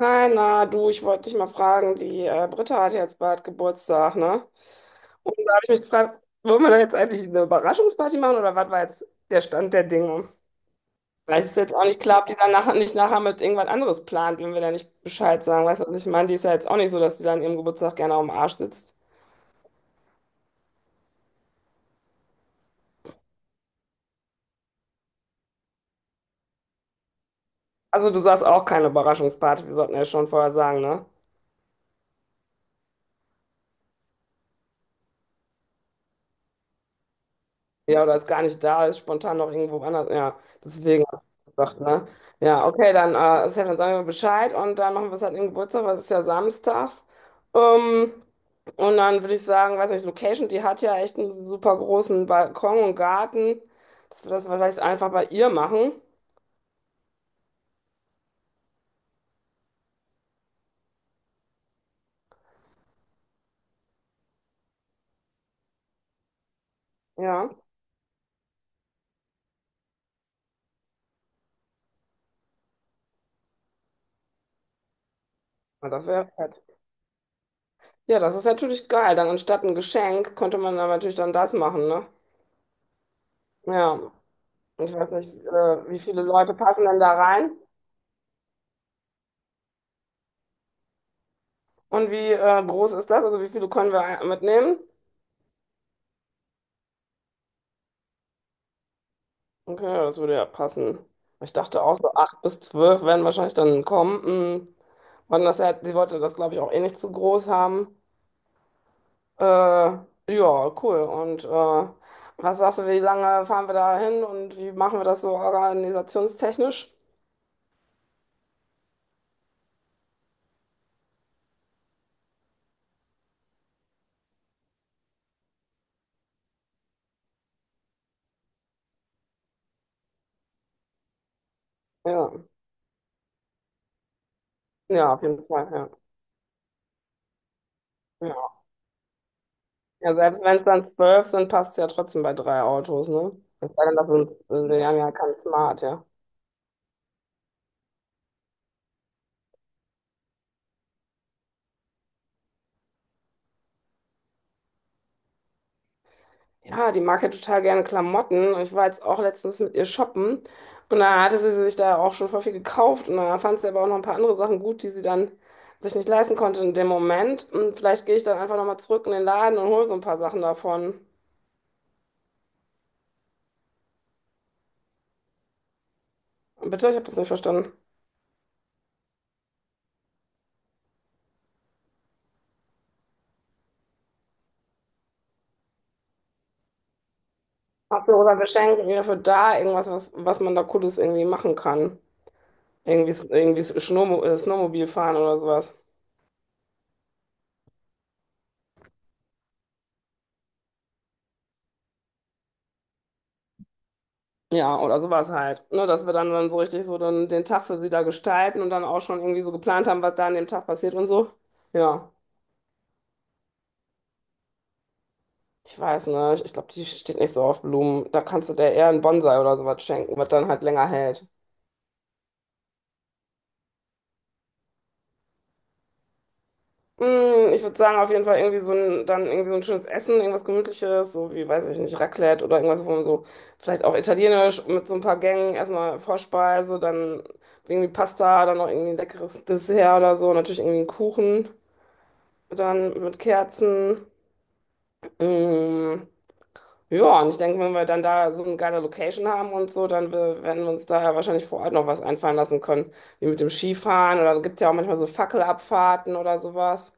Hi, na, du, ich wollte dich mal fragen, die Britta hat ja jetzt bald Geburtstag, ne? Und da habe ich mich gefragt, wollen wir da jetzt eigentlich eine Überraschungsparty machen oder was war jetzt der Stand der Dinge? Vielleicht ist jetzt auch nicht klar, ob die dann nachher nicht nachher mit irgendwas anderes plant, wenn wir da nicht Bescheid sagen. Weißt du, was ich meine? Die ist ja jetzt auch nicht so, dass die dann ihrem Geburtstag gerne auf dem Arsch sitzt. Also du sagst auch keine Überraschungsparty, wir sollten ja schon vorher sagen, ne? Ja, oder ist gar nicht da ist, spontan noch irgendwo anders. Ja, deswegen hab ich gesagt, ne? Ja, okay, dann, Sven, dann sagen wir Bescheid und dann machen wir es halt im Geburtstag, weil es ist ja samstags. Ähm, und dann würde ich sagen, weiß nicht, Location, die hat ja echt einen super großen Balkon und Garten, dass wir das vielleicht einfach bei ihr machen. Ja, ja, das wäre fett. Ja, das ist natürlich geil. Dann anstatt ein Geschenk könnte man dann natürlich dann das machen, ne? Ja, ich weiß nicht, wie viele Leute passen denn da rein? Und wie groß ist das? Also wie viele können wir mitnehmen? Okay, ja, das würde ja passen. Ich dachte auch so acht bis zwölf werden wahrscheinlich dann kommen. Hm. Wann das ja, sie wollte das, glaube ich, auch eh nicht zu groß haben. Ja, cool. Und was sagst du, wie lange fahren wir da hin und wie machen wir das so organisationstechnisch? Ja, ja, auf jeden Fall, ja. Ja, ja selbst wenn es dann zwölf sind, passt es ja trotzdem bei drei Autos, ne? Es sei denn, das sind, wir haben ja kein Smart, ja. Ja, die mag ja total gerne Klamotten. Und ich war jetzt auch letztens mit ihr shoppen. Und da hatte sie sich da auch schon voll viel gekauft. Und da fand sie aber auch noch ein paar andere Sachen gut, die sie dann sich nicht leisten konnte in dem Moment. Und vielleicht gehe ich dann einfach nochmal zurück in den Laden und hole so ein paar Sachen davon. Bitte, ich habe das nicht verstanden. Hast du oder Geschenk irgendwie dafür da, irgendwas, was, was man da Cooles irgendwie machen kann? Irgendwie, irgendwie Snowmobil fahren oder sowas. Ja, oder sowas halt. Ne, dass wir dann, dann so richtig so dann den Tag für sie da gestalten und dann auch schon irgendwie so geplant haben, was da an dem Tag passiert und so. Ja, ich weiß nicht. Ich glaube, die steht nicht so auf Blumen. Da kannst du der eher einen Bonsai oder sowas schenken, was dann halt länger hält. Mm, ich würde sagen, auf jeden Fall irgendwie so ein, dann irgendwie so ein schönes Essen, irgendwas Gemütliches, so wie, weiß ich nicht, Raclette oder irgendwas, wo man so, vielleicht auch italienisch mit so ein paar Gängen, erstmal Vorspeise, dann irgendwie Pasta, dann noch irgendwie ein leckeres Dessert oder so, natürlich irgendwie einen Kuchen, dann mit Kerzen. Mm, ja, und ich denke, wenn wir dann da so eine geile Location haben und so, dann werden wir uns da ja wahrscheinlich vor Ort noch was einfallen lassen können, wie mit dem Skifahren oder gibt ja auch manchmal so Fackelabfahrten oder sowas.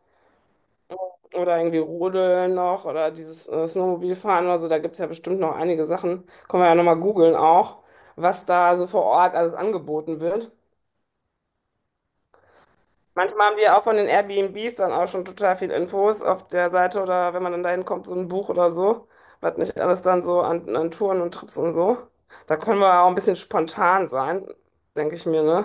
Oder irgendwie Rodeln noch oder dieses Snowmobilfahren oder so, da gibt es ja bestimmt noch einige Sachen. Können wir ja nochmal googeln auch, was da so vor Ort alles angeboten wird. Manchmal haben die ja auch von den Airbnbs dann auch schon total viel Infos auf der Seite oder wenn man dann dahin kommt, so ein Buch oder so, was nicht alles dann so an, an Touren und Trips und so. Da können wir auch ein bisschen spontan sein, denke ich mir, ne?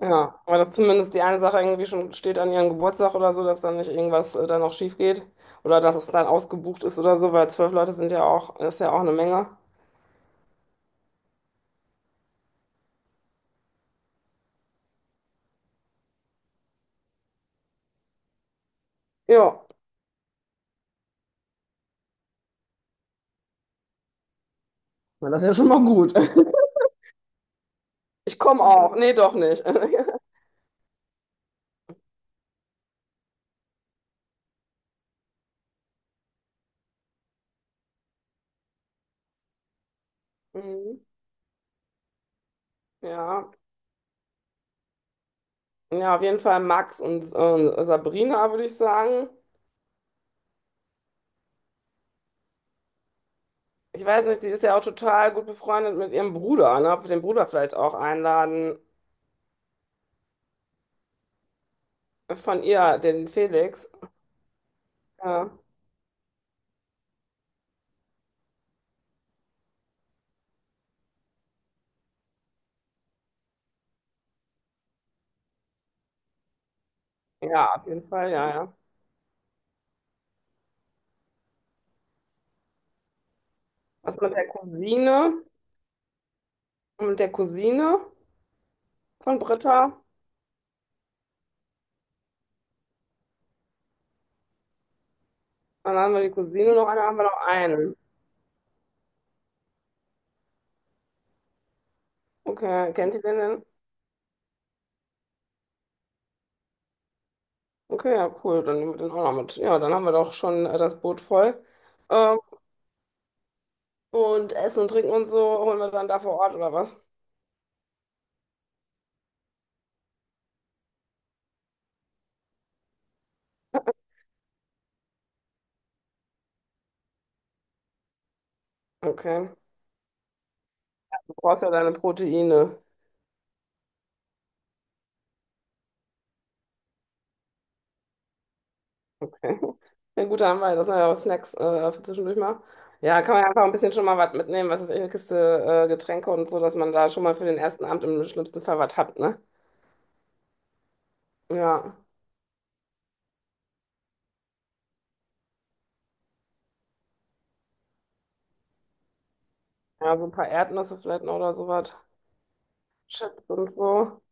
Ja, aber dass zumindest die eine Sache irgendwie schon steht an ihrem Geburtstag oder so, dass dann nicht irgendwas dann noch schief geht oder dass es dann ausgebucht ist oder so, weil zwölf Leute sind ja auch, das ist ja auch eine Menge. Ja, na, das ist ja schon mal gut. Ich komme auch. Nee, doch nicht. Mhm. Ja. Ja, auf jeden Fall Max und Sabrina, würde ich sagen. Ich weiß nicht, die ist ja auch total gut befreundet mit ihrem Bruder, ne? Ob wir den Bruder vielleicht auch einladen von ihr, den Felix. Ja, ja, auf jeden Fall, ja, ja. Was mit der Cousine? Und mit der Cousine von Britta? Dann haben wir die Cousine noch, eine haben wir noch einen. Okay, kennt ihr den denn? Okay, ja, cool, dann nehmen wir den auch noch mit. Ja, dann haben wir doch schon das Boot voll. Ähm, und Essen und Trinken und so holen wir dann da vor Ort, oder was? Okay. Du brauchst ja deine Proteine. Okay. Ja, gut, da haben wir, das sind ja auch Snacks für zwischendurch mal. Ja, kann man ja einfach ein bisschen schon mal was mitnehmen, was ist echt eine Kiste Getränke und so, dass man da schon mal für den ersten Abend im schlimmsten Fall was hat, ne? Ja. Ja, so ein paar Erdnüsse vielleicht noch oder sowas. Chips und so.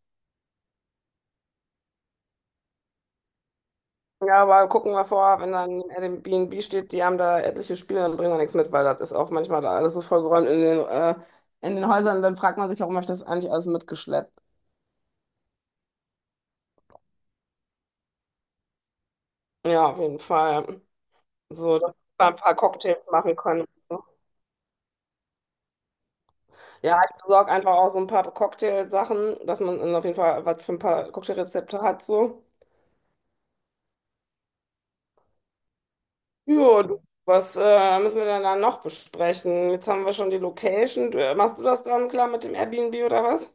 Ja, aber gucken wir vor, wenn dann Airbnb steht, die haben da etliche Spiele, dann bringen wir nichts mit, weil das ist auch manchmal da alles so vollgeräumt in den Häusern. Dann fragt man sich, warum habe ich das eigentlich alles mitgeschleppt? Ja, auf jeden Fall. So, dass man ein paar Cocktails machen kann und so. Ja, ich besorge einfach auch so ein paar Cocktailsachen, dass man dann auf jeden Fall was für ein paar Cocktailrezepte hat. So. Ja, du, was müssen wir denn dann noch besprechen? Jetzt haben wir schon die Location. Du, machst du das dann klar mit dem Airbnb oder was?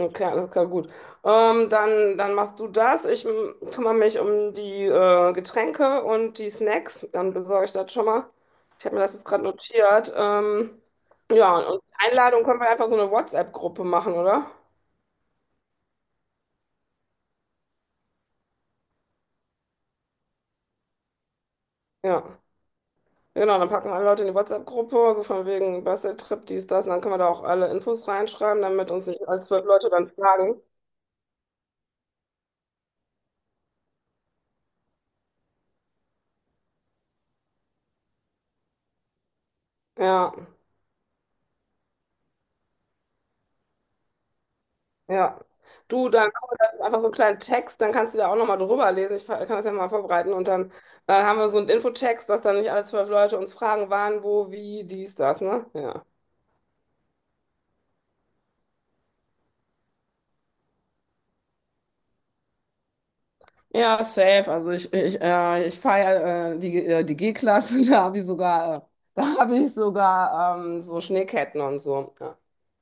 Okay, alles klar, gut. Dann, dann machst du das. Kümmere mich um die Getränke und die Snacks. Dann besorge ich das schon mal. Ich habe mir das jetzt gerade notiert. Ja, und die Einladung können wir einfach so eine WhatsApp-Gruppe machen, oder? Ja. Genau, dann packen alle Leute in die WhatsApp-Gruppe, so von wegen Basteltrip, dies, das. Und dann können wir da auch alle Infos reinschreiben, damit uns nicht alle zwölf Leute dann fragen. Ja. Ja. Du, dann machen wir das einfach so einen kleinen Text, dann kannst du da auch nochmal drüber lesen. Kann das ja mal vorbereiten. Und dann haben wir so einen Infotext, dass dann nicht alle zwölf Leute uns fragen, wann, wo, wie, dies, das, ne? Ja. Ja, safe. Also ich fahre ja, die G-Klasse, da habe ich sogar so Schneeketten und so. Ja.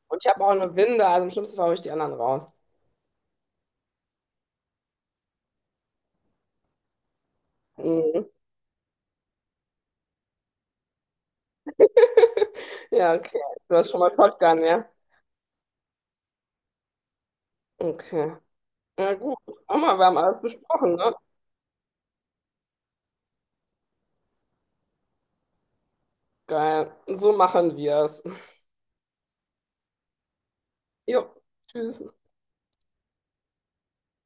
Und ich habe auch eine Winde, also im schlimmsten Fall hole ich die anderen raus. Mhm. Ja, okay. Du hast schon mal Shotgun, ja? Okay. Ja, gut. Guck mal, wir haben alles besprochen, ne? Geil. So machen wir es. Jo. Tschüss.